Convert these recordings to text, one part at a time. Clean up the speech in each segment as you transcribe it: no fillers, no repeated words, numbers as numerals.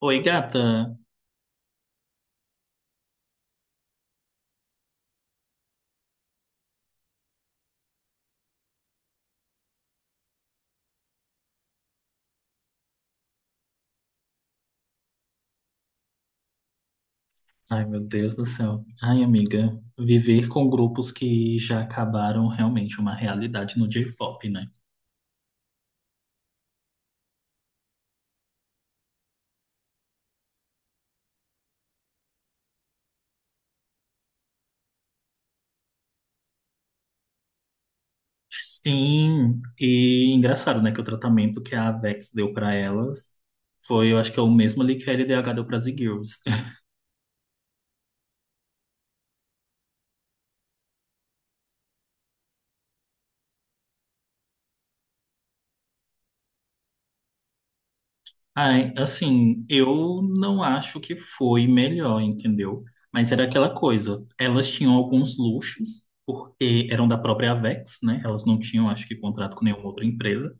Oi, gata. Ai, meu Deus do céu. Ai, amiga, viver com grupos que já acabaram realmente uma realidade no J-pop, né? Sim, e engraçado, né, que o tratamento que a Vex deu pra elas foi, eu acho que é o mesmo ali que a LDH deu para as Girls. Ai, assim, eu não acho que foi melhor, entendeu? Mas era aquela coisa, elas tinham alguns luxos, porque eram da própria Vex, né? Elas não tinham, acho que, contrato com nenhuma outra empresa.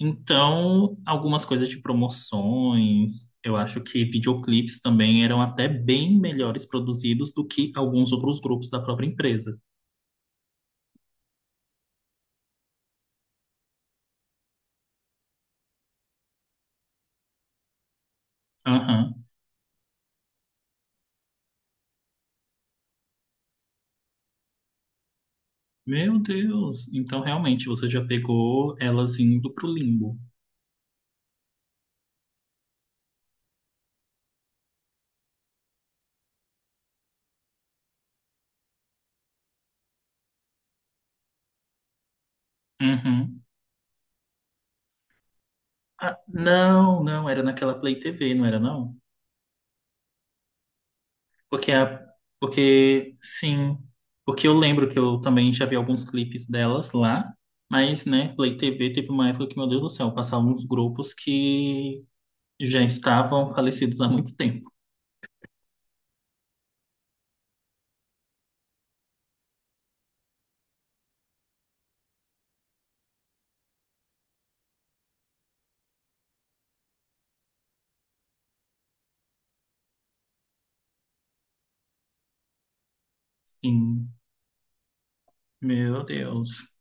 Então, algumas coisas de promoções, eu acho que videoclipes também eram até bem melhores produzidos do que alguns outros grupos da própria empresa. Aham. Meu Deus, então realmente você já pegou elas indo pro limbo. Uhum. Ah, não, não, era naquela Play TV, não era não? Porque a, Porque sim, porque eu lembro que eu também já vi alguns clipes delas lá, mas né, Play TV teve uma época que, meu Deus do céu, passavam uns grupos que já estavam falecidos há muito tempo. Sim, meu Deus.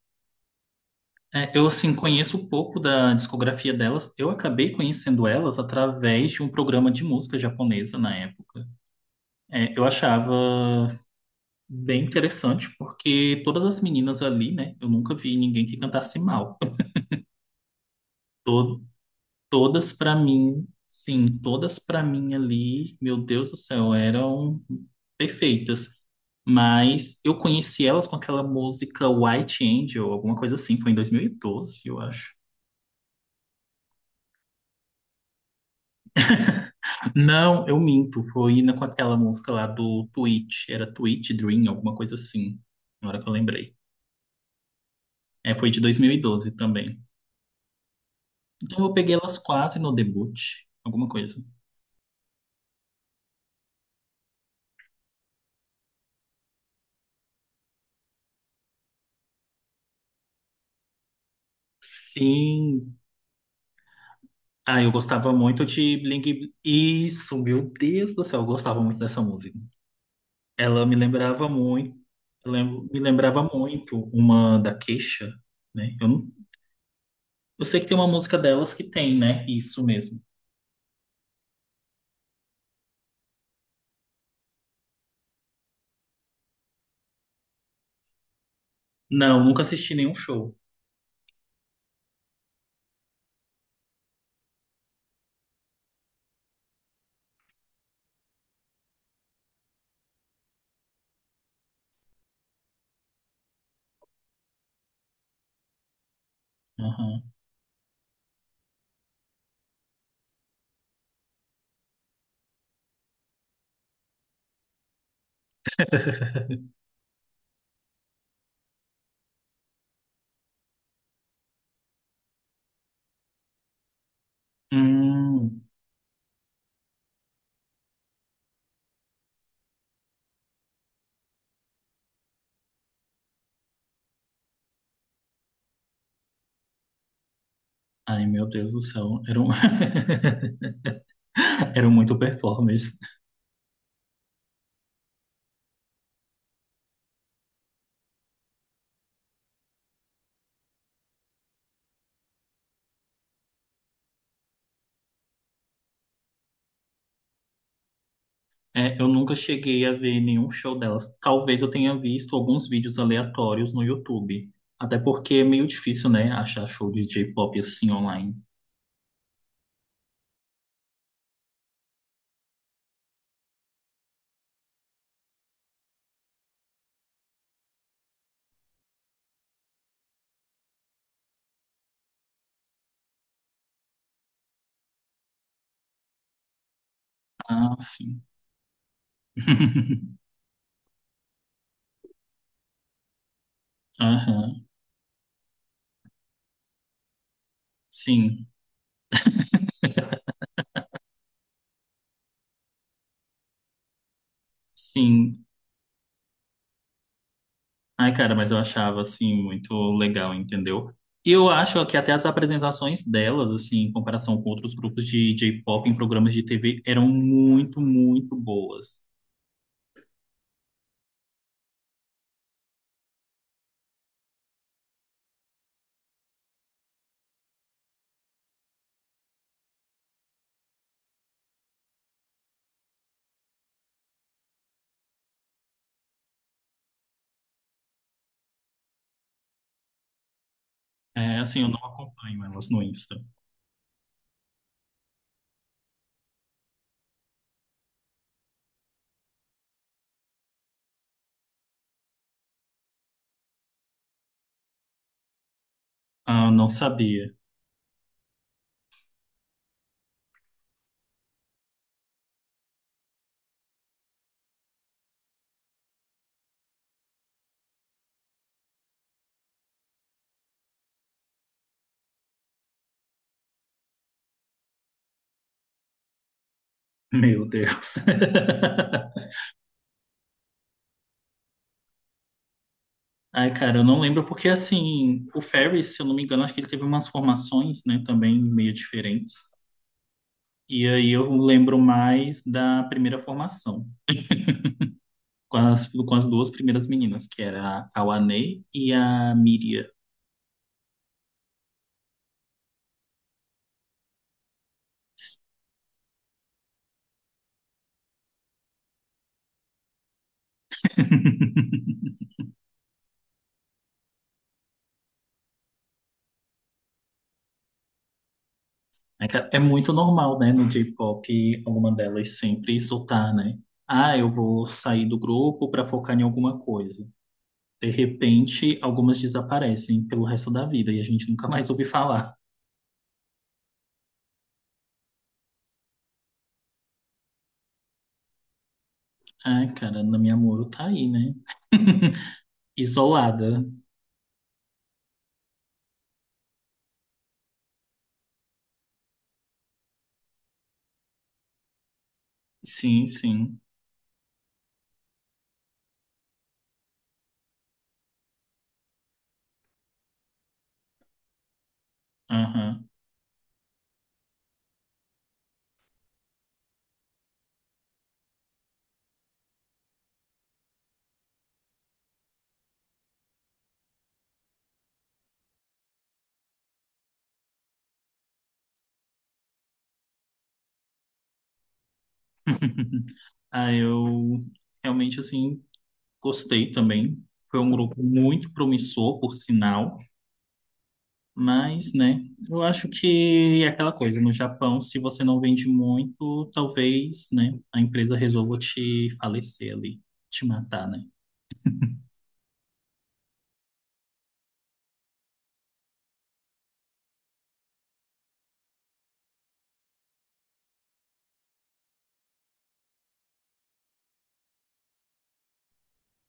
É, eu, assim, conheço um pouco da discografia delas. Eu acabei conhecendo elas através de um programa de música japonesa na época. É, eu achava bem interessante, porque todas as meninas ali, né? Eu nunca vi ninguém que cantasse mal. Todas pra mim ali, meu Deus do céu, eram perfeitas. Mas eu conheci elas com aquela música White Angel, alguma coisa assim, foi em 2012 eu acho. Não, eu minto, com aquela música lá do Twitch, era Twitch Dream, alguma coisa assim, na hora que eu lembrei. É, foi de 2012 também. Então eu peguei elas quase no debut, alguma coisa. Sim. Ah, eu gostava muito de Bling... Isso, meu Deus do céu, eu gostava muito dessa música. Ela me lembrava muito, me lembrava muito uma da Queixa, né? Eu, não, eu sei que tem uma música delas que tem, né? Isso mesmo. Não, nunca assisti nenhum show. Aham. Hum. Ai, meu Deus do céu, eram, eram muito performers. É, eu nunca cheguei a ver nenhum show delas. Talvez eu tenha visto alguns vídeos aleatórios no YouTube. Até porque é meio difícil, né, achar show de J-pop assim online. Ah, sim. Aham. Sim, sim. Ai, cara, mas eu achava, assim, muito legal, entendeu? E eu acho que até as apresentações delas, assim, em comparação com outros grupos de J-pop em programas de TV, eram muito, muito boas. É, assim, eu não acompanho elas no Insta. Ah, não sabia. Meu Deus. Ai, cara, eu não lembro porque, assim, o Ferris, se eu não me engano, acho que ele teve umas formações, né, também meio diferentes. E aí eu lembro mais da primeira formação, com as duas primeiras meninas, que era a Kawane e a Miria. É que é muito normal, né, no J-pop, alguma delas sempre soltar, né? Ah, eu vou sair do grupo para focar em alguma coisa. De repente, algumas desaparecem pelo resto da vida e a gente nunca mais ouve falar. Ah, cara, Nami Amuro tá aí, né? Isolada. Sim, sim. Aham. Ah, eu realmente, assim, gostei também. Foi um grupo muito promissor, por sinal. Mas, né, eu acho que é aquela coisa, no Japão, se você não vende muito, talvez, né, a empresa resolva te falecer ali, te matar, né?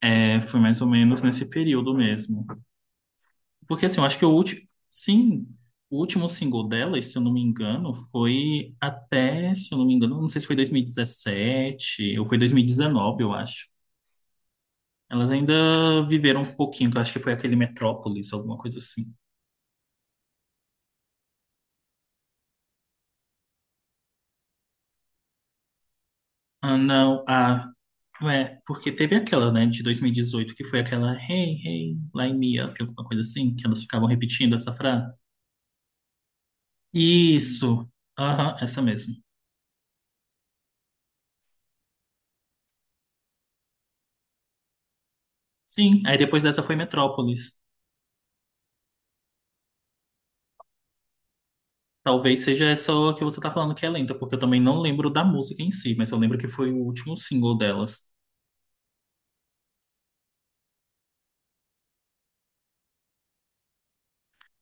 É, foi mais ou menos nesse período mesmo. Porque assim, eu acho que o último. Sim, o último single dela, se eu não me engano, foi até, se eu não me engano, não sei se foi 2017 ou foi 2019, eu acho. Elas ainda viveram um pouquinho, que eu acho que foi aquele Metrópolis, alguma coisa assim. Ah, não, ah, é, porque teve aquela, né, de 2018, que foi aquela Hey, hey, line me up, alguma coisa assim, que elas ficavam repetindo essa frase. Isso, aham, essa mesmo. Sim, aí depois dessa foi Metrópolis. Talvez seja essa que você tá falando que é lenta, porque eu também não lembro da música em si, mas eu lembro que foi o último single delas.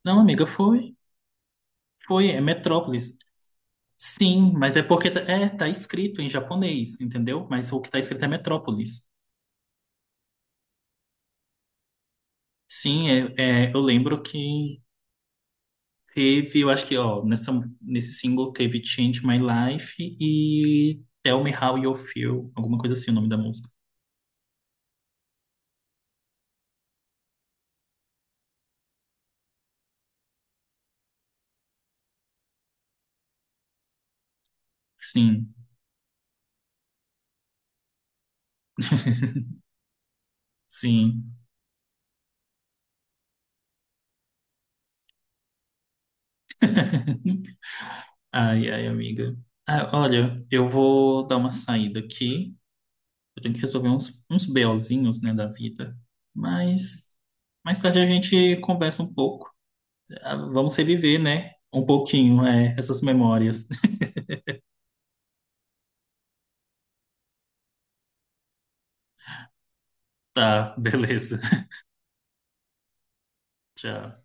Não, amiga, foi. Foi, é Metrópolis. Sim, é, tá escrito em japonês, entendeu? Mas o que tá escrito é Metrópolis. Sim, é, eu lembro que teve, eu acho que, ó, nesse single teve Change My Life e Tell Me How You Feel, alguma coisa assim o nome da música. Sim, sim. Ai, ai, amiga. Ah, olha, eu vou dar uma saída aqui. Eu tenho que resolver uns BOzinhos, né, da vida. Mas mais tarde a gente conversa um pouco. Ah, vamos reviver, né? Um pouquinho, é, essas memórias. Tá, beleza. Tchau.